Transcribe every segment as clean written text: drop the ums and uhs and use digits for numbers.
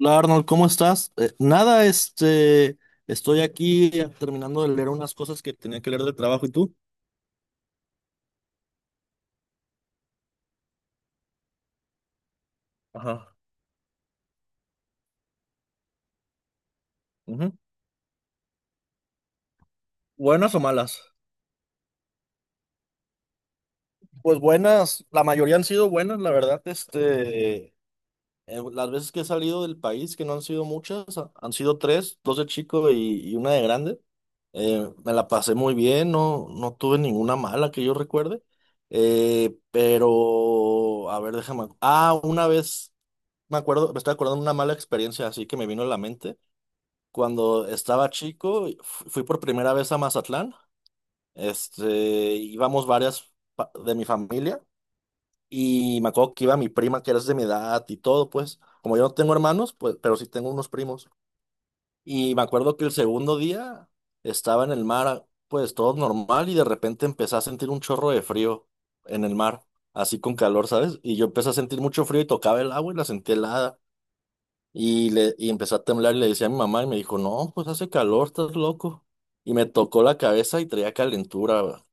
Hola, Arnold, ¿cómo estás? Nada, este, estoy aquí, terminando de leer unas cosas que tenía que leer del trabajo, ¿y tú? Ajá. Ujú. ¿Buenas o malas? Pues buenas, la mayoría han sido buenas, la verdad. Este, las veces que he salido del país, que no han sido muchas, han sido tres, dos de chico y una de grande. Me la pasé muy bien, no, no tuve ninguna mala que yo recuerde. Pero, a ver, déjame, ah, una vez. Me acuerdo, me estoy acordando de una mala experiencia así que me vino a la mente. Cuando estaba chico, fui por primera vez a Mazatlán. Este, íbamos varias de mi familia y me acuerdo que iba mi prima, que era de mi edad y todo, pues. Como yo no tengo hermanos, pues, pero sí tengo unos primos. Y me acuerdo que el segundo día estaba en el mar, ah, pues todo normal, y de repente empecé a sentir un chorro de frío en el mar, así con calor, ¿sabes? Y yo empecé a sentir mucho frío y tocaba el agua y la sentí helada. Y empezó a temblar y le decía a mi mamá y me dijo, no, pues hace calor, estás loco. Y me tocó la cabeza y traía calentura. Va.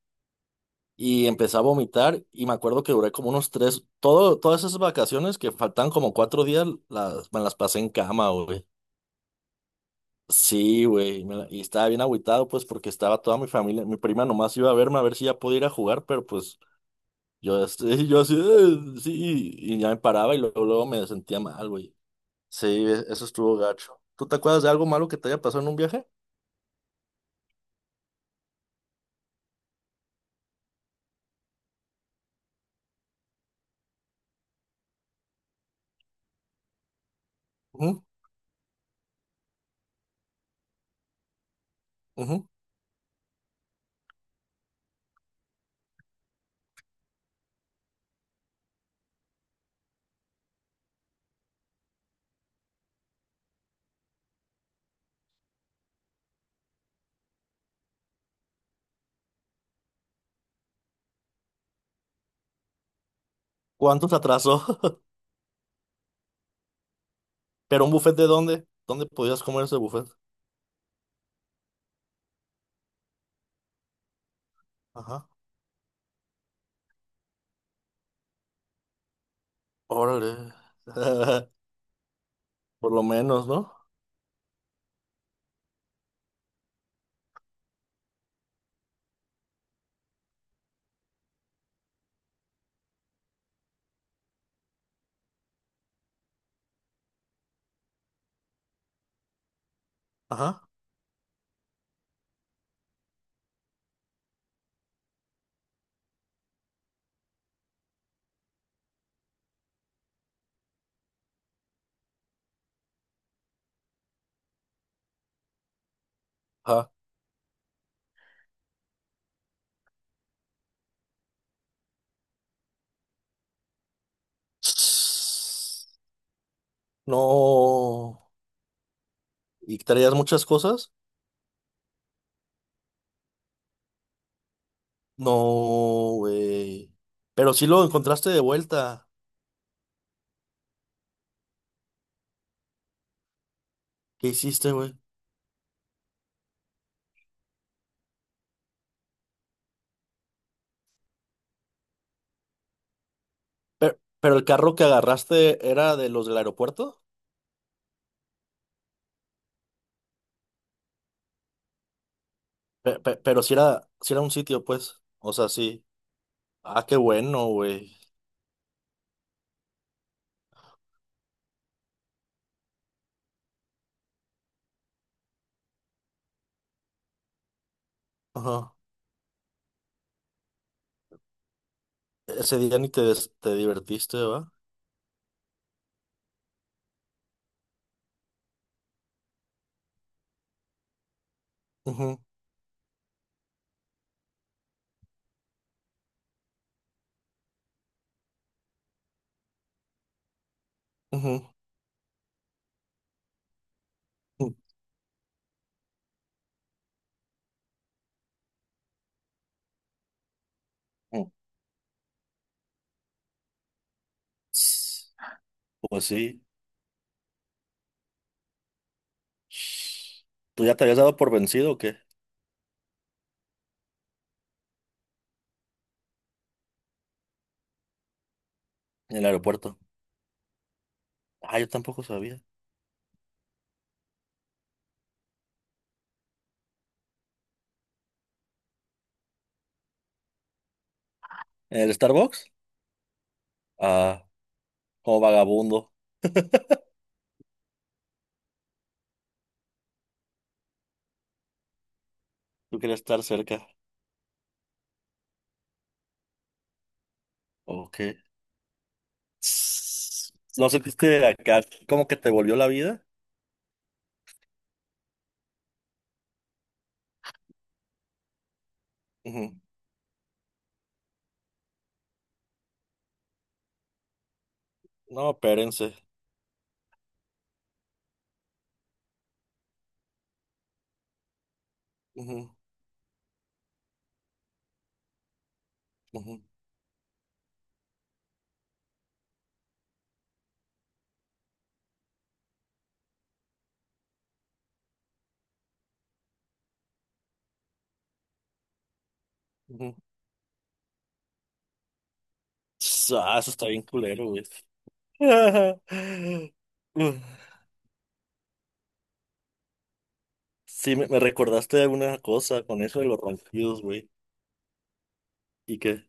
Y empecé a vomitar y me acuerdo que duré como unos todas esas vacaciones que faltan como 4 días, las, me las pasé en cama, güey. Sí, güey, y estaba bien agüitado, pues, porque estaba toda mi familia, mi prima nomás iba a verme a ver si ya podía ir a jugar, pero pues yo, este, yo así, sí, y ya me paraba y luego, luego me sentía mal, güey. Sí, eso estuvo gacho. ¿Tú te acuerdas de algo malo que te haya pasado en un viaje? Ujú, ujú. ¿Cuánto te atrasó? ¿Pero un buffet de dónde? ¿Dónde podías comer ese buffet? Ajá. Órale. Por lo menos, ¿no? Ajá. Ajá. No. ¿Y traías muchas cosas? No, güey. Pero sí lo encontraste de vuelta. ¿Qué hiciste, güey? Pero el carro que agarraste era de los del aeropuerto. Pero, si era, si era un sitio, pues. O sea, sí. Ah, qué bueno, güey. Ajá. Ese día ni te, te divertiste, ¿va? Ujú, ujú, ujú, ujú. Pues sí. ¿Tú ya te habías dado por vencido o qué? En el aeropuerto. Ah, yo tampoco sabía. ¿En el Starbucks? Ah, como vagabundo. Tú querías estar cerca. ¿O qué? Ss. ¿No sentiste acá como que te volvió la vida? Ujú. No, espérense. Ujú, ujú, ujú. Ss, ah, eso está bien culero, güey. Sí, me recordaste alguna cosa con eso de los ronquidos, güey. ¿Y qué?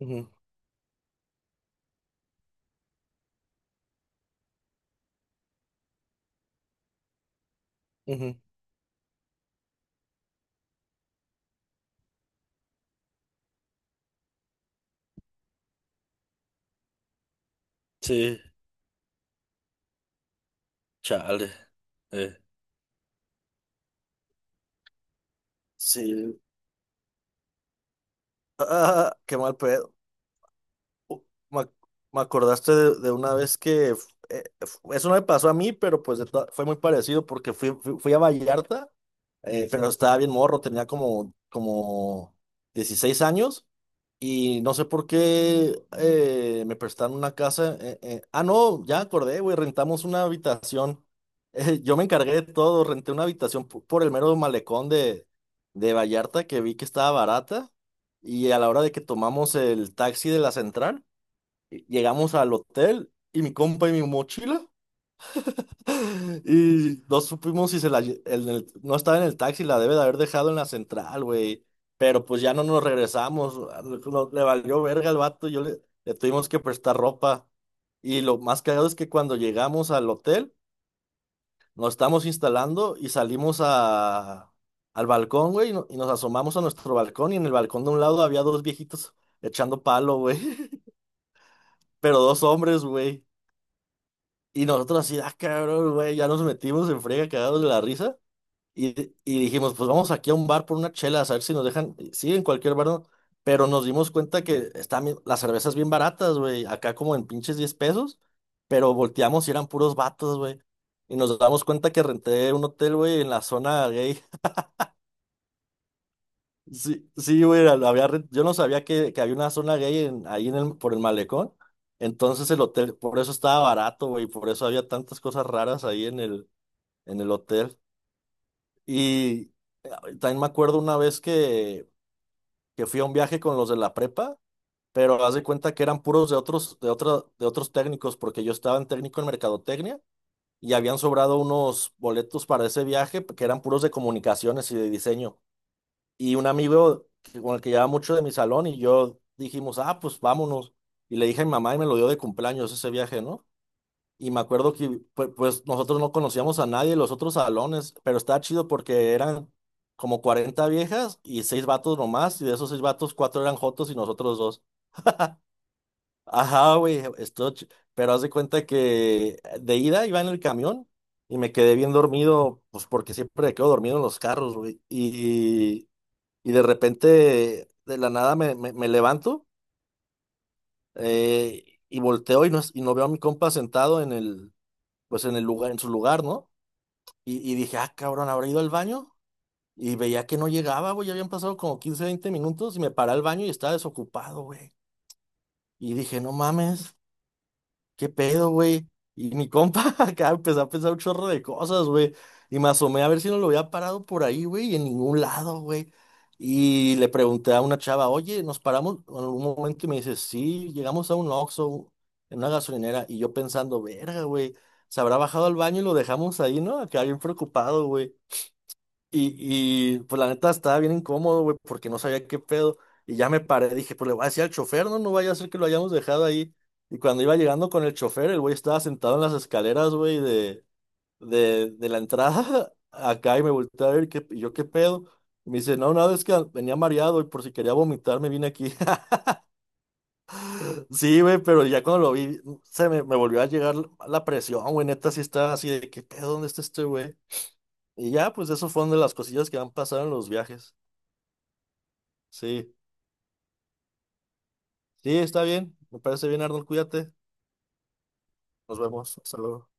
Ujú, ujú. Sí, chale. Eh, sí. Ah, qué mal pedo. Uh, Me, me acordaste de una vez que eso no me pasó a mí, pero pues fue muy parecido porque fui a Vallarta, pero estaba bien morro, tenía como, como 16 años. Y no sé por qué me prestaron una casa. Ah, no, ya acordé, güey, rentamos una habitación. Yo me encargué de todo, renté una habitación por el mero malecón de Vallarta que vi que estaba barata. Y a la hora de que tomamos el taxi de la central, llegamos al hotel y mi compa y mi mochila. Y no supimos si se la, no estaba en el taxi, la debe de haber dejado en la central, güey. Pero pues ya no nos regresamos. Valió verga al vato, yo le tuvimos que prestar ropa. Y lo más cagado es que cuando llegamos al hotel, nos estamos instalando y salimos a, al balcón, güey, y, no- y nos asomamos a nuestro balcón. Y en el balcón de un lado había dos viejitos echando palo, güey. Pero dos hombres, güey. Y nosotros así, ah, cabrón, güey, ya nos metimos en frega, cagados de la risa. Y dijimos, pues vamos aquí a un bar por una chela, a ver si nos dejan, sí, en cualquier bar, ¿no? Pero nos dimos cuenta que las cervezas bien baratas, güey, acá como en pinches 10 pesos, pero volteamos y eran puros vatos, güey. Y nos damos cuenta que renté un hotel, güey, en la zona gay. Sí, sí, güey, yo no sabía que había una zona gay ahí en el, por el malecón. Entonces el hotel, por eso estaba barato, güey, por eso había tantas cosas raras ahí en el hotel. Y también me acuerdo una vez que fui a un viaje con los de la prepa, pero haz de cuenta que eran puros de otros, de otros técnicos, porque yo estaba en técnico en mercadotecnia y habían sobrado unos boletos para ese viaje que eran puros de comunicaciones y de diseño. Y un amigo con el que llevaba mucho de mi salón y yo dijimos, ah, pues vámonos. Y le dije a mi mamá y me lo dio de cumpleaños ese viaje, ¿no? Y me acuerdo que pues nosotros no conocíamos a nadie de los otros salones, pero estaba chido porque eran como 40 viejas y seis vatos nomás, y de esos seis vatos, cuatro eran jotos y nosotros dos. Ajá, güey, esto, pero haz de cuenta que de ida iba en el camión y me quedé bien dormido, pues porque siempre me quedo dormido en los carros, güey. Y de repente, de la nada me levanto, y volteo y no, y no veo a mi compa sentado en el, pues en el lugar, en su lugar, ¿no? Y dije, ah, cabrón, ¿habrá ido al baño? Y veía que no llegaba, güey, ya habían pasado como 15 20 minutos y me paré al baño y estaba desocupado, güey. Y dije, no mames, ¿qué pedo, güey? Y mi compa acá empezó a pensar un chorro de cosas, güey. Y me asomé a ver si no lo había parado por ahí, güey, y en ningún lado, güey. Y le pregunté a una chava, oye, ¿nos paramos en algún momento? Y me dice, sí, llegamos a un Oxxo, en una gasolinera. Y yo pensando, verga, güey, se habrá bajado al baño y lo dejamos ahí, ¿no? Acá bien preocupado, güey. Y pues la neta estaba bien incómodo, güey, porque no sabía qué pedo. Y ya me paré, dije, pues le voy a decir al chofer, no, no vaya a ser que lo hayamos dejado ahí. Y cuando iba llegando con el chofer, el güey estaba sentado en las escaleras, güey, de la entrada acá y me volteé a ver, ¿qué, y yo qué pedo? Y me dice, no, nada, es que venía mareado y por si quería vomitar me vine aquí. Sí, güey, pero ya cuando lo vi, se me volvió a llegar la presión, güey, neta, sí estaba así de, ¿qué pedo? ¿Dónde está este güey? Y ya, pues eso fue una de las cosillas que han pasado en los viajes. Sí. Sí, está bien. Me parece bien, Arnold. Cuídate. Nos vemos. Hasta luego.